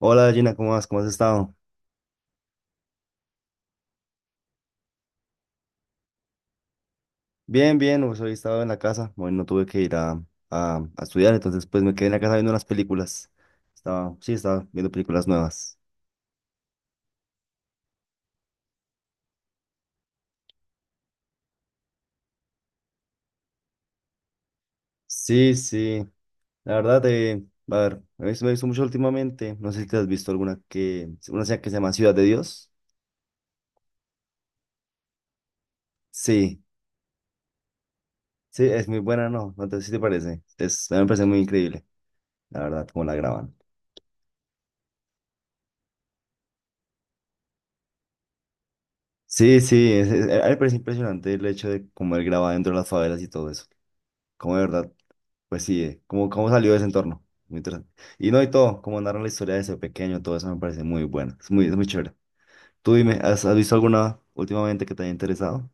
Hola Gina, ¿cómo vas? ¿Cómo has estado? Bien, bien, pues hoy he estado en la casa, hoy no tuve que ir a estudiar, entonces pues me quedé en la casa viendo unas películas. Estaba, sí, estaba viendo películas nuevas. Sí, sí, la verdad, a ver, me he visto mucho últimamente, no sé si te has visto una serie que se llama Ciudad de Dios. Sí, sí, es muy buena, ¿no? Sí te parece, a mí me parece muy increíble, la verdad, cómo la graban. Sí, sí, a mí me parece impresionante el hecho de cómo él graba dentro de las favelas y todo eso, como de verdad. Pues sí, eh, cómo salió de ese entorno. Muy interesante. Y no, y todo, cómo narran la historia de ese pequeño, todo eso me parece muy bueno. Es muy chévere. Tú dime, has visto alguna últimamente que te haya interesado?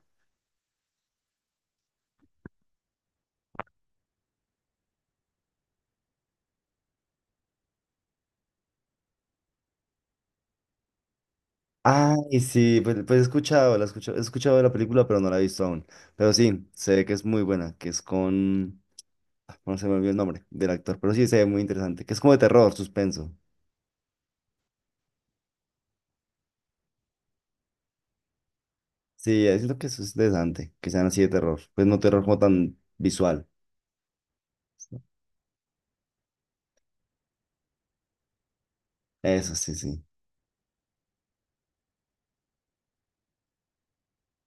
Ay, sí, pues he escuchado, he escuchado de la película, pero no la he visto aún. Pero sí, se ve que es muy buena, que es con, ah, no se me olvidó el nombre del actor, pero sí se ve muy interesante, que es como de terror, suspenso. Sí, siento que eso es interesante, que sean así de terror, pues no terror como tan visual. Eso sí,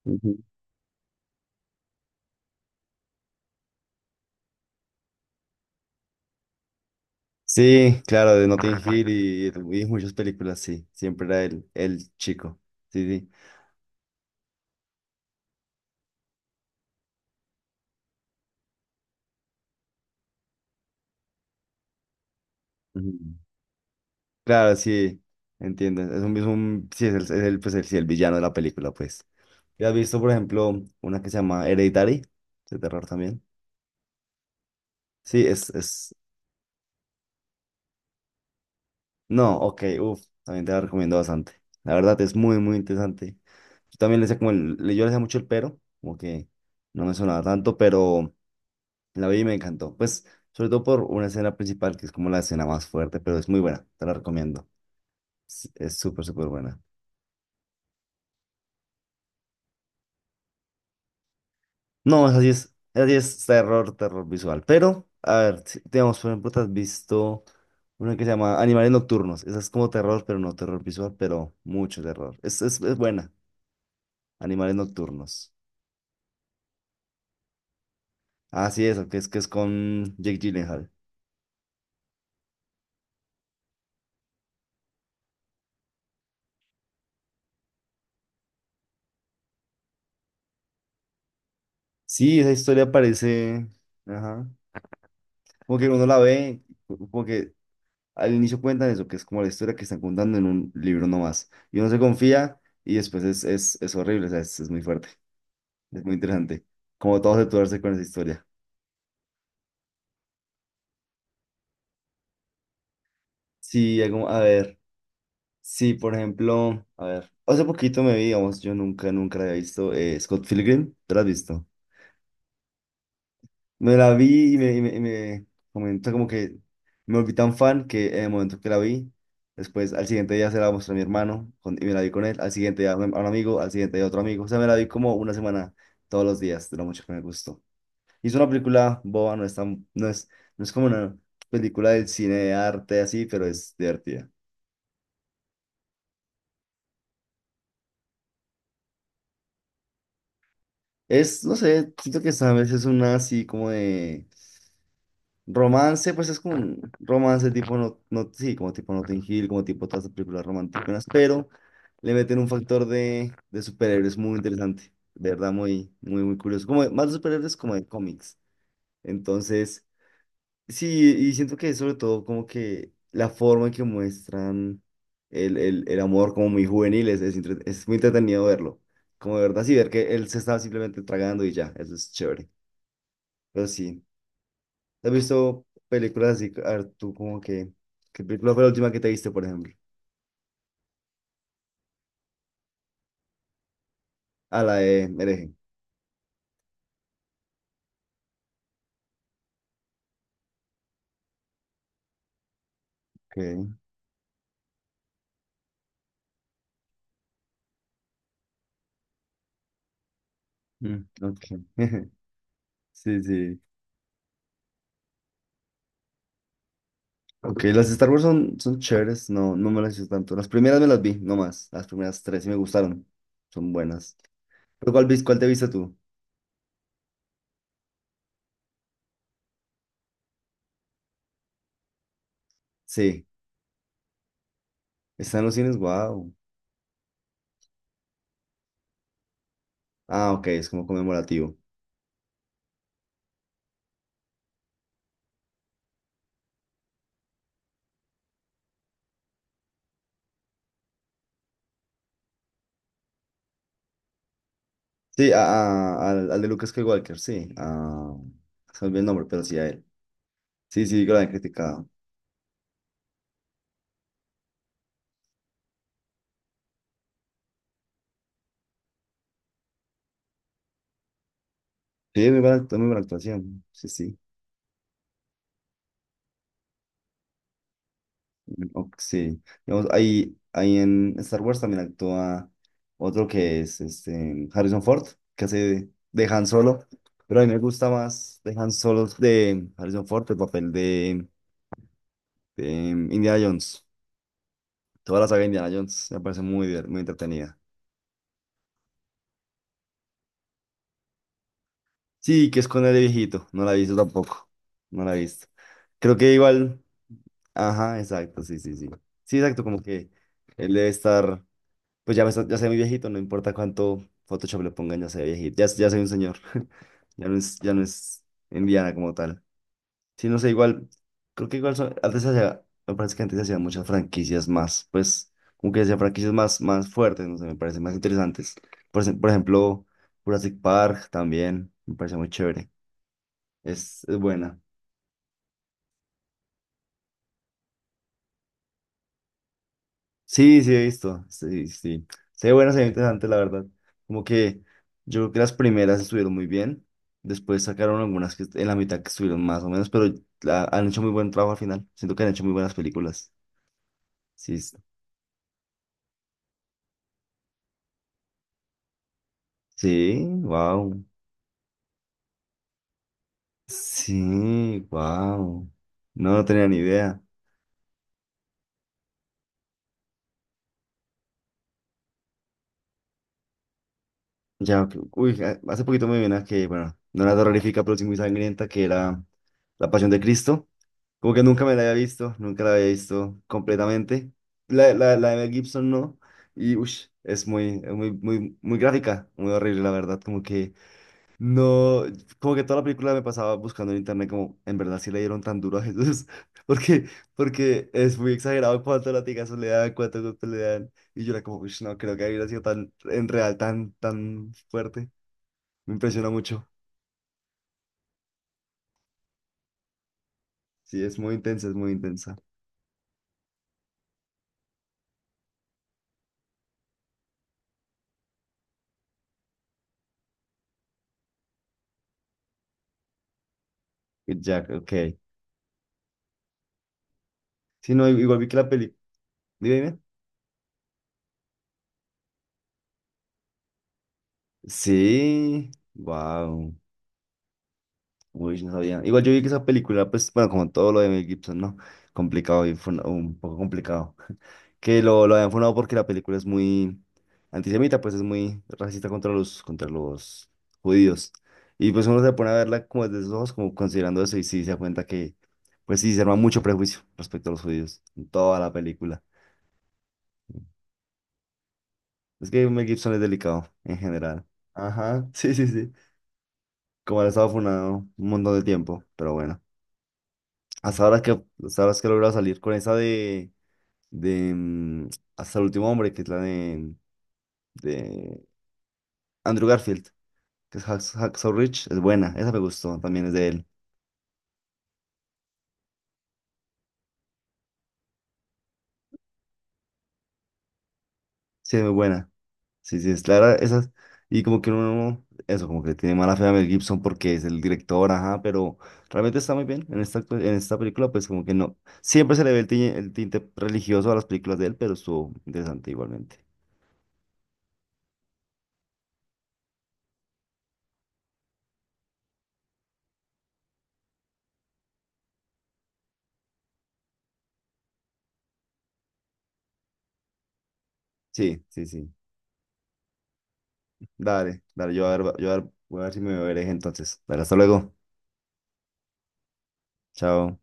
sí. Sí, claro, de Notting Hill y muchas películas, sí. Siempre era el chico. Sí, sí. Ujú. Claro, sí, entiendo. Es un- sí, es el, pues el, sí, el villano de la película, pues. ¿Ya has visto, por ejemplo, una que se llama Hereditary? De terror también. Sí, es... No, ok, uff, también te la recomiendo bastante. La verdad es muy, muy interesante. Yo también le sé como el... le- Yo le sé mucho el pero, como que no me sonaba tanto, pero... La vi y me encantó. Pues, sobre todo por una escena principal que es como la escena más fuerte, pero es muy buena. Te la recomiendo. Es súper, súper buena. No, así es. Así es terror, terror visual. Pero, a ver, si- digamos, por ejemplo, te has visto una que se llama Animales Nocturnos. Esa es como terror, pero no terror visual, pero mucho terror. Es buena. Animales Nocturnos. Ah sí es, que es con Jake Gyllenhaal. Sí, esa historia parece. Ajá. Como que uno la ve, como que al inicio cuentan eso, que es como la historia que están contando en un libro nomás. Y uno se confía y después es horrible, o sea, es muy fuerte, es muy interesante. Como todos torce con esa historia. Sí, algo- a ver, sí, por ejemplo, a ver, hace poquito me vi, digamos, yo nunca, nunca la había visto, Scott Pilgrim, ¿te la has visto? Me la vi y me comentó como que me volví tan fan que en el momento que la vi, después al siguiente día se la mostré a mi hermano con- y me la vi con él, al siguiente día a un amigo, al siguiente día a otro amigo. O sea, me la vi como una semana todos los días, de lo mucho que me gustó. Y es una película boba, no es tan- no es, no es como una película del cine de arte así, pero es divertida. Es, no sé, siento que esta vez es una así como de romance, pues es como un romance tipo, no, no, sí, como tipo Notting Hill, como tipo todas las películas románticas, pero le meten un factor de superhéroes muy interesante, de verdad, muy, muy, muy curioso. Como de- más de superhéroes como de cómics. Entonces, sí, y siento que sobre todo como que la forma en que muestran el amor como muy juvenil es muy entretenido verlo. Como de verdad, sí, ver que él se estaba simplemente tragando y ya, eso es chévere. Pero sí. ¿Has visto películas así? A ver, tú como que... ¿Qué película fue la última que te viste, por ejemplo? Ah, la de Hereje. Ok. Mm, ok. Sí, sí. Ok, las Star Wars son chéveres. No, no me las hice tanto. Las primeras me las vi, no más. Las primeras tres sí me gustaron. Son buenas. ¿Pero cuál, vis- cuál te viste tú? Sí. Está en los cines, wow. Ah, ok, es como conmemorativo. Sí, al de Lucas Skywalker, sí. Ah, se me olvidó el nombre, pero sí a él. Sí, sí, que lo habían criticado. Sí, muy buena, act- muy buena actuación. Sí, sí. Ok, sí. Digamos, ahí en Star Wars también actúa otro que es este, Harrison Ford, que hace de Han Solo. Pero a mí me gusta más de Han Solo de Harrison Ford, el papel de Indiana Jones. Toda la saga de Indiana Jones me parece muy, diver- muy entretenida. Sí, que es con el de viejito. No la he visto tampoco. No la he visto. Creo que igual. Ajá, exacto, sí, sí, sí. Sí, exacto, como que él debe estar. Pues ya, me está- ya soy muy viejito, no importa cuánto Photoshop le pongan, ya soy viejito, ya soy un señor. Ya no es Indiana como tal. Sí, no sé, igual, creo que igual son- antes se hacía, me parece que antes se hacían muchas franquicias más, pues, como que se hacían franquicias más, más fuertes, no sé, me parecen más interesantes. Por, ej- por ejemplo, Jurassic Park también, me parece muy chévere, es buena. Sí, sí, he visto. Sí, sí. Se ve bueno, se ve interesante, la verdad. Como que yo creo que las primeras estuvieron muy bien. Después sacaron algunas que en la mitad que estuvieron más o menos, pero la- han hecho muy buen trabajo al final. Siento que han hecho muy buenas películas. Sí, s- sí, wow. Sí, wow. No, no tenía ni idea. Ya, ok, uy, a- hace poquito me vi una que, bueno, no era terrorífica, pero sí muy sangrienta, que era La Pasión de Cristo. Como que nunca me la había visto, nunca la había visto completamente. La de Mel Gibson no. Y ush, es muy, muy, muy gráfica, muy horrible, la verdad. Como que no, como que toda la película me pasaba buscando en internet, como en verdad sí le dieron tan duro a Jesús. Porque, porque es muy exagerado cuántos latigazos le dan, cuántos golpes le dan. Y yo era como, ush, no creo que hubiera sido tan, en real, tan fuerte. Me impresiona mucho. Sí, es muy intensa, es muy intensa. Y Jack, ok. Sí, no, igual vi que la película. Sí, wow. Uy, no sabía. Igual yo vi que esa película, pues, bueno, como todo lo de Mel Gibson, ¿no? Complicado, y fue un poco complicado. Lo habían funado porque la película es muy antisemita, pues es muy racista contra contra los judíos. Y pues uno se pone a verla como desde sus ojos, como considerando eso, y sí se da cuenta que, pues sí, se arma mucho prejuicio respecto a los judíos en toda la película. Es que Mel Gibson es delicado en general. Ajá, sí, sí, sí. Como él ha estado funado un montón de tiempo, pero bueno. Hasta ahora que, hasta ahora es que he logrado salir con esa de Hasta el último hombre, que es la de Andrew Garfield, que es Hacksaw Ridge, es buena, esa me gustó, también es de él, sí, es muy buena, sí, sí, es clara, esas, y como que uno, eso, como que le tiene mala fe a Mel Gibson porque es el director, ajá, pero realmente está muy bien en esta, actu- en esta película, pues como que no, siempre se le ve el tinte religioso a las películas de él, pero estuvo interesante igualmente, sí, sí, sí. Dale, dale, yo a ver, voy a ver si me veréis entonces. Dale, hasta luego. Chao.